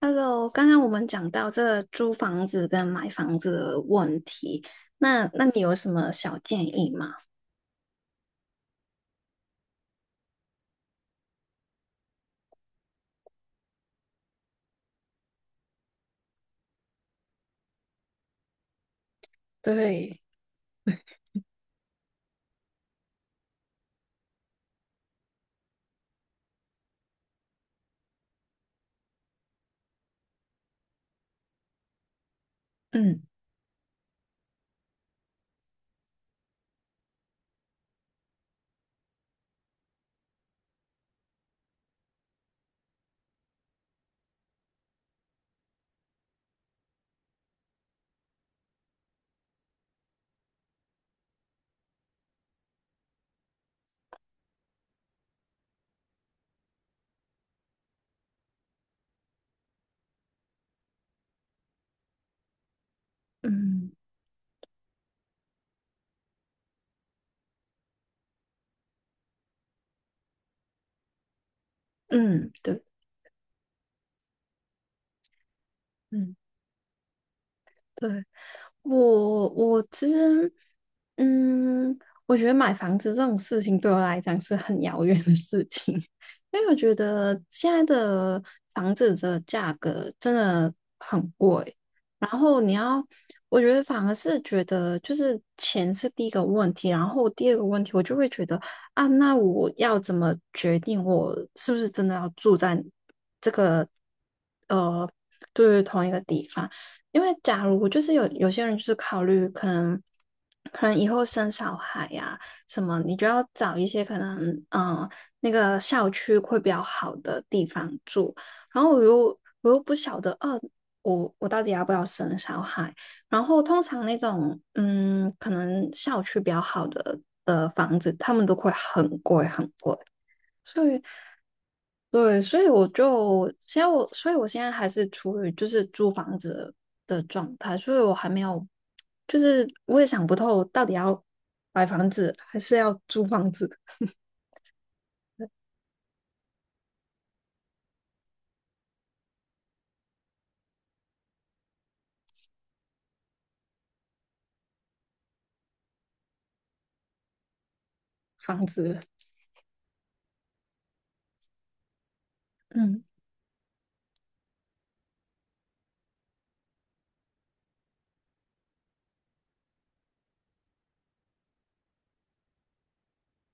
Hello，刚刚我们讲到这租房子跟买房子的问题，那你有什么小建议吗？对，嗯嗯嗯，对，嗯，对，我其实，嗯，我觉得买房子这种事情对我来讲是很遥远的事情，因为我觉得现在的房子的价格真的很贵，然后你要，我觉得反而是觉得就是钱是第一个问题，然后第二个问题我就会觉得啊，那我要怎么决定我是不是真的要住在对于同一个地方，因为假如就是有些人就是考虑可能以后生小孩呀、什么，你就要找一些可能嗯、呃那个校区会比较好的地方住，然后我又不晓得啊，我到底要不要生小孩，然后通常那种可能校区比较好的房子，他们都会很贵很贵，所以对，所以我现在还是处于就是租房子的状态，所以我还没有，就是我也想不透到底要买房子还是要租房子，房子，嗯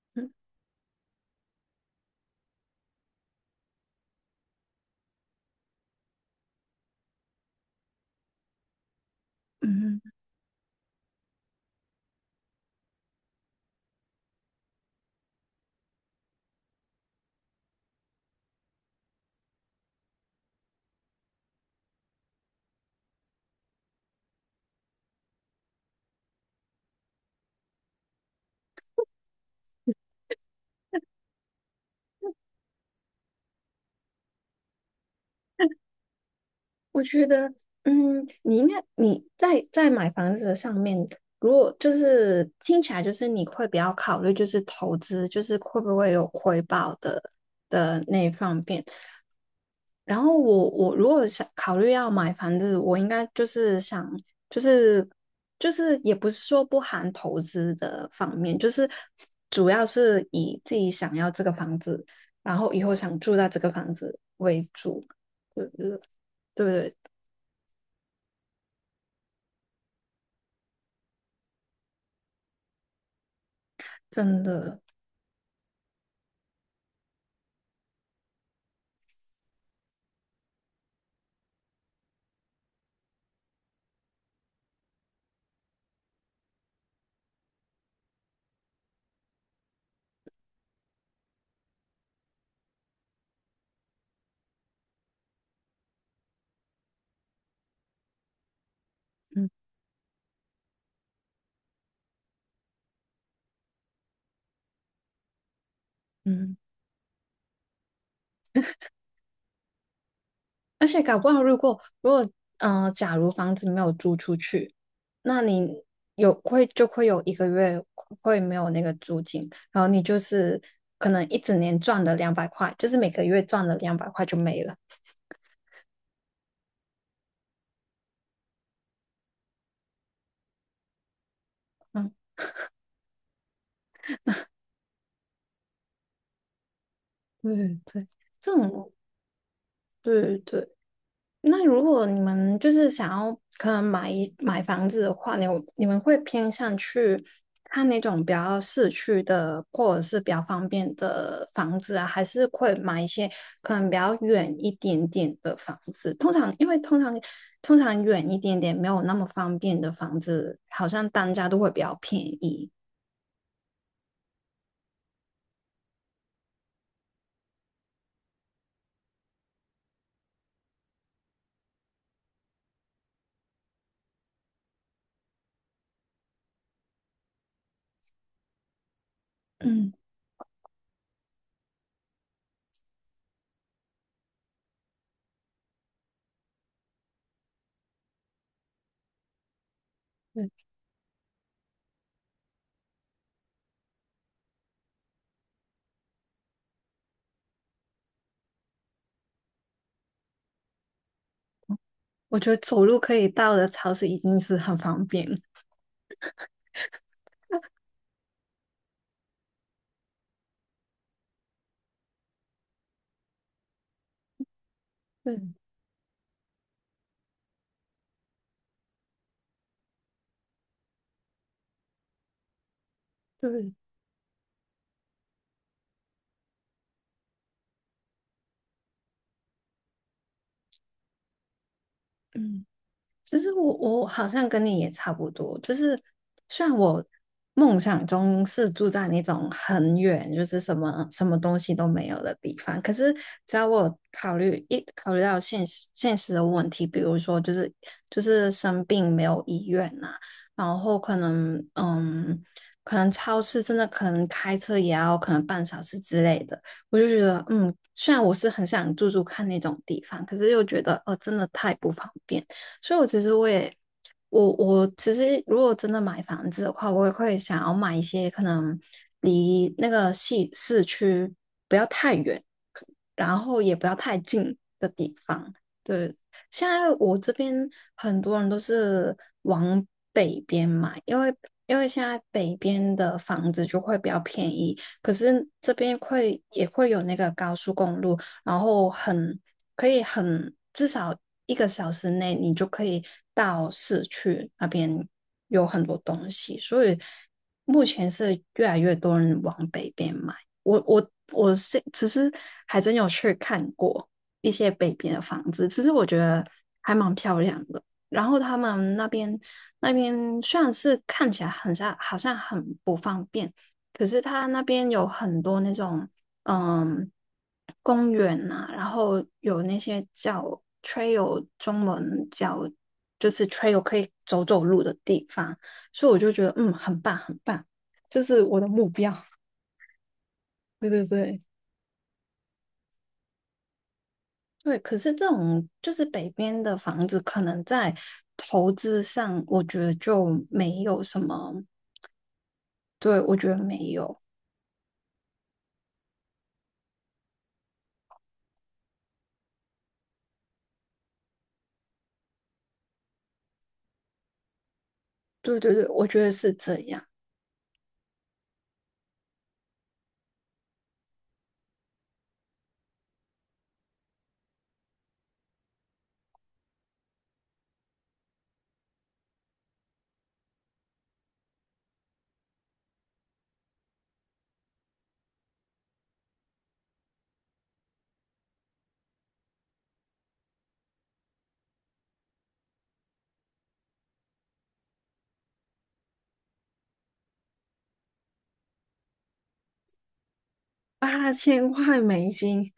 嗯嗯。我觉得，你应该你在买房子的上面，如果就是听起来就是你会比较考虑就是投资，就是会不会有回报的那一方面。然后我如果想考虑要买房子，我应该就是想就是就是也不是说不含投资的方面，就是主要是以自己想要这个房子，然后以后想住在这个房子为主，对对对。真的。嗯嗯，而且搞不好，如果如果呃，假如房子没有租出去，那你就会有一个月会没有那个租金，然后你就是可能一整年赚了两百块，就是每个月赚了两百块就没了。嗯，对对，这种对对，那如果你们就是想要可能买一买房子的话，你们会偏向去看那种比较市区的，或者是比较方便的房子啊，还是会买一些可能比较远一点点的房子？通常因为通常通常远一点点没有那么方便的房子，好像单价都会比较便宜。嗯，我觉得走路可以到的超市已经是很方便了。对对，嗯。其实我好像跟你也差不多，就是虽然我梦想中是住在那种很远，就是什么什么东西都没有的地方，可是只要我考虑一考虑到现实的问题，比如说就是生病没有医院呐，然后可能可能超市真的可能开车也要可能半小时之类的，我就觉得虽然我是很想住住看那种地方，可是又觉得哦，真的太不方便。所以我其实如果真的买房子的话，我也会想要买一些可能离那个市区不要太远，然后也不要太近的地方。对，现在我这边很多人都是往北边买，因为现在北边的房子就会比较便宜，可是这边会也会有那个高速公路，然后很可以很至少一个小时内你就可以到市区那边有很多东西，所以目前是越来越多人往北边买。我是其实还真有去看过一些北边的房子，其实我觉得还蛮漂亮的。然后他们那边虽然是看起来很像，好像很不方便，可是他那边有很多那种嗯公园呐、然后有那些叫 trail，中文叫就是 trail 可以走走路的地方，所以我就觉得很棒很棒，就是我的目标。对对对。对，可是这种就是北边的房子，可能在投资上，我觉得就没有什么。对，我觉得没有。对对对，我觉得是这样。8000块美金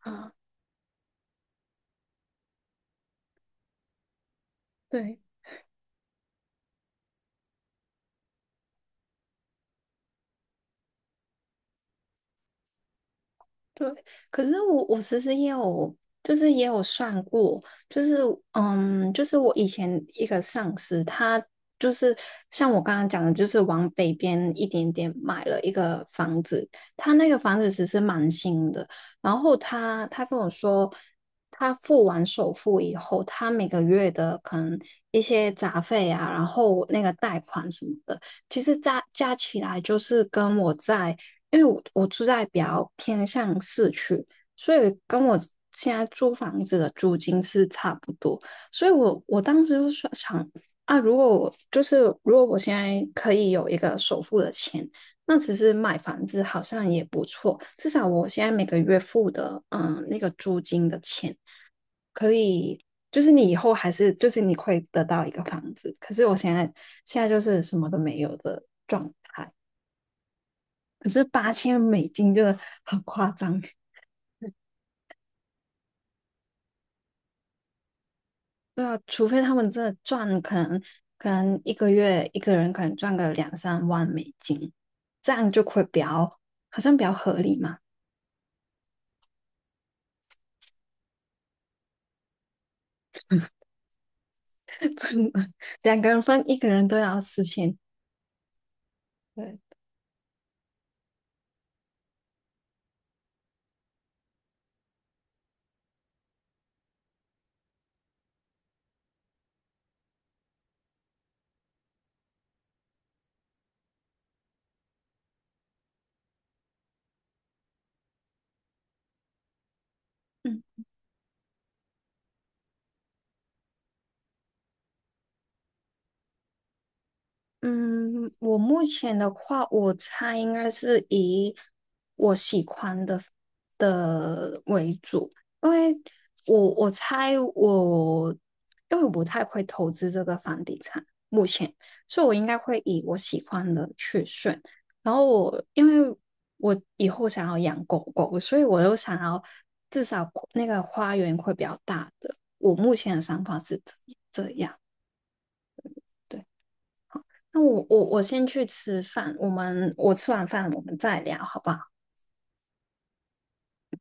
啊，对，对，可是我其实也有，就是也有算过，就是就是我以前一个上司，他就是像我刚刚讲的，就是往北边一点点买了一个房子，他那个房子其实蛮新的，然后他跟我说，他付完首付以后，他每个月的可能一些杂费啊，然后那个贷款什么的。其实加起来就是跟我在，因为我住在比较偏向市区，所以跟我现在租房子的租金是差不多。所以我当时就是想啊，如果我现在可以有一个首付的钱，那其实买房子好像也不错，至少我现在每个月付的那个租金的钱可以，就是你以后还是就是你会得到一个房子，可是我现在就是什么都没有的状，可是8000美金就很夸张，对啊，除非他们真的赚，可能一个月一个人可能赚个2、3万美金，这样就会比较好像比较合理嘛，真的，两个人分一个人都要4000，对，嗯。嗯，我目前的话，我猜应该是以我喜欢的为主，因为我猜我，因为我不太会投资这个房地产，目前，所以我应该会以我喜欢的去选。然后我因为我以后想要养狗狗，所以我又想要至少那个花园会比较大的。我目前的想法是这样。对。那我先去吃饭，我吃完饭我们再聊，好不好？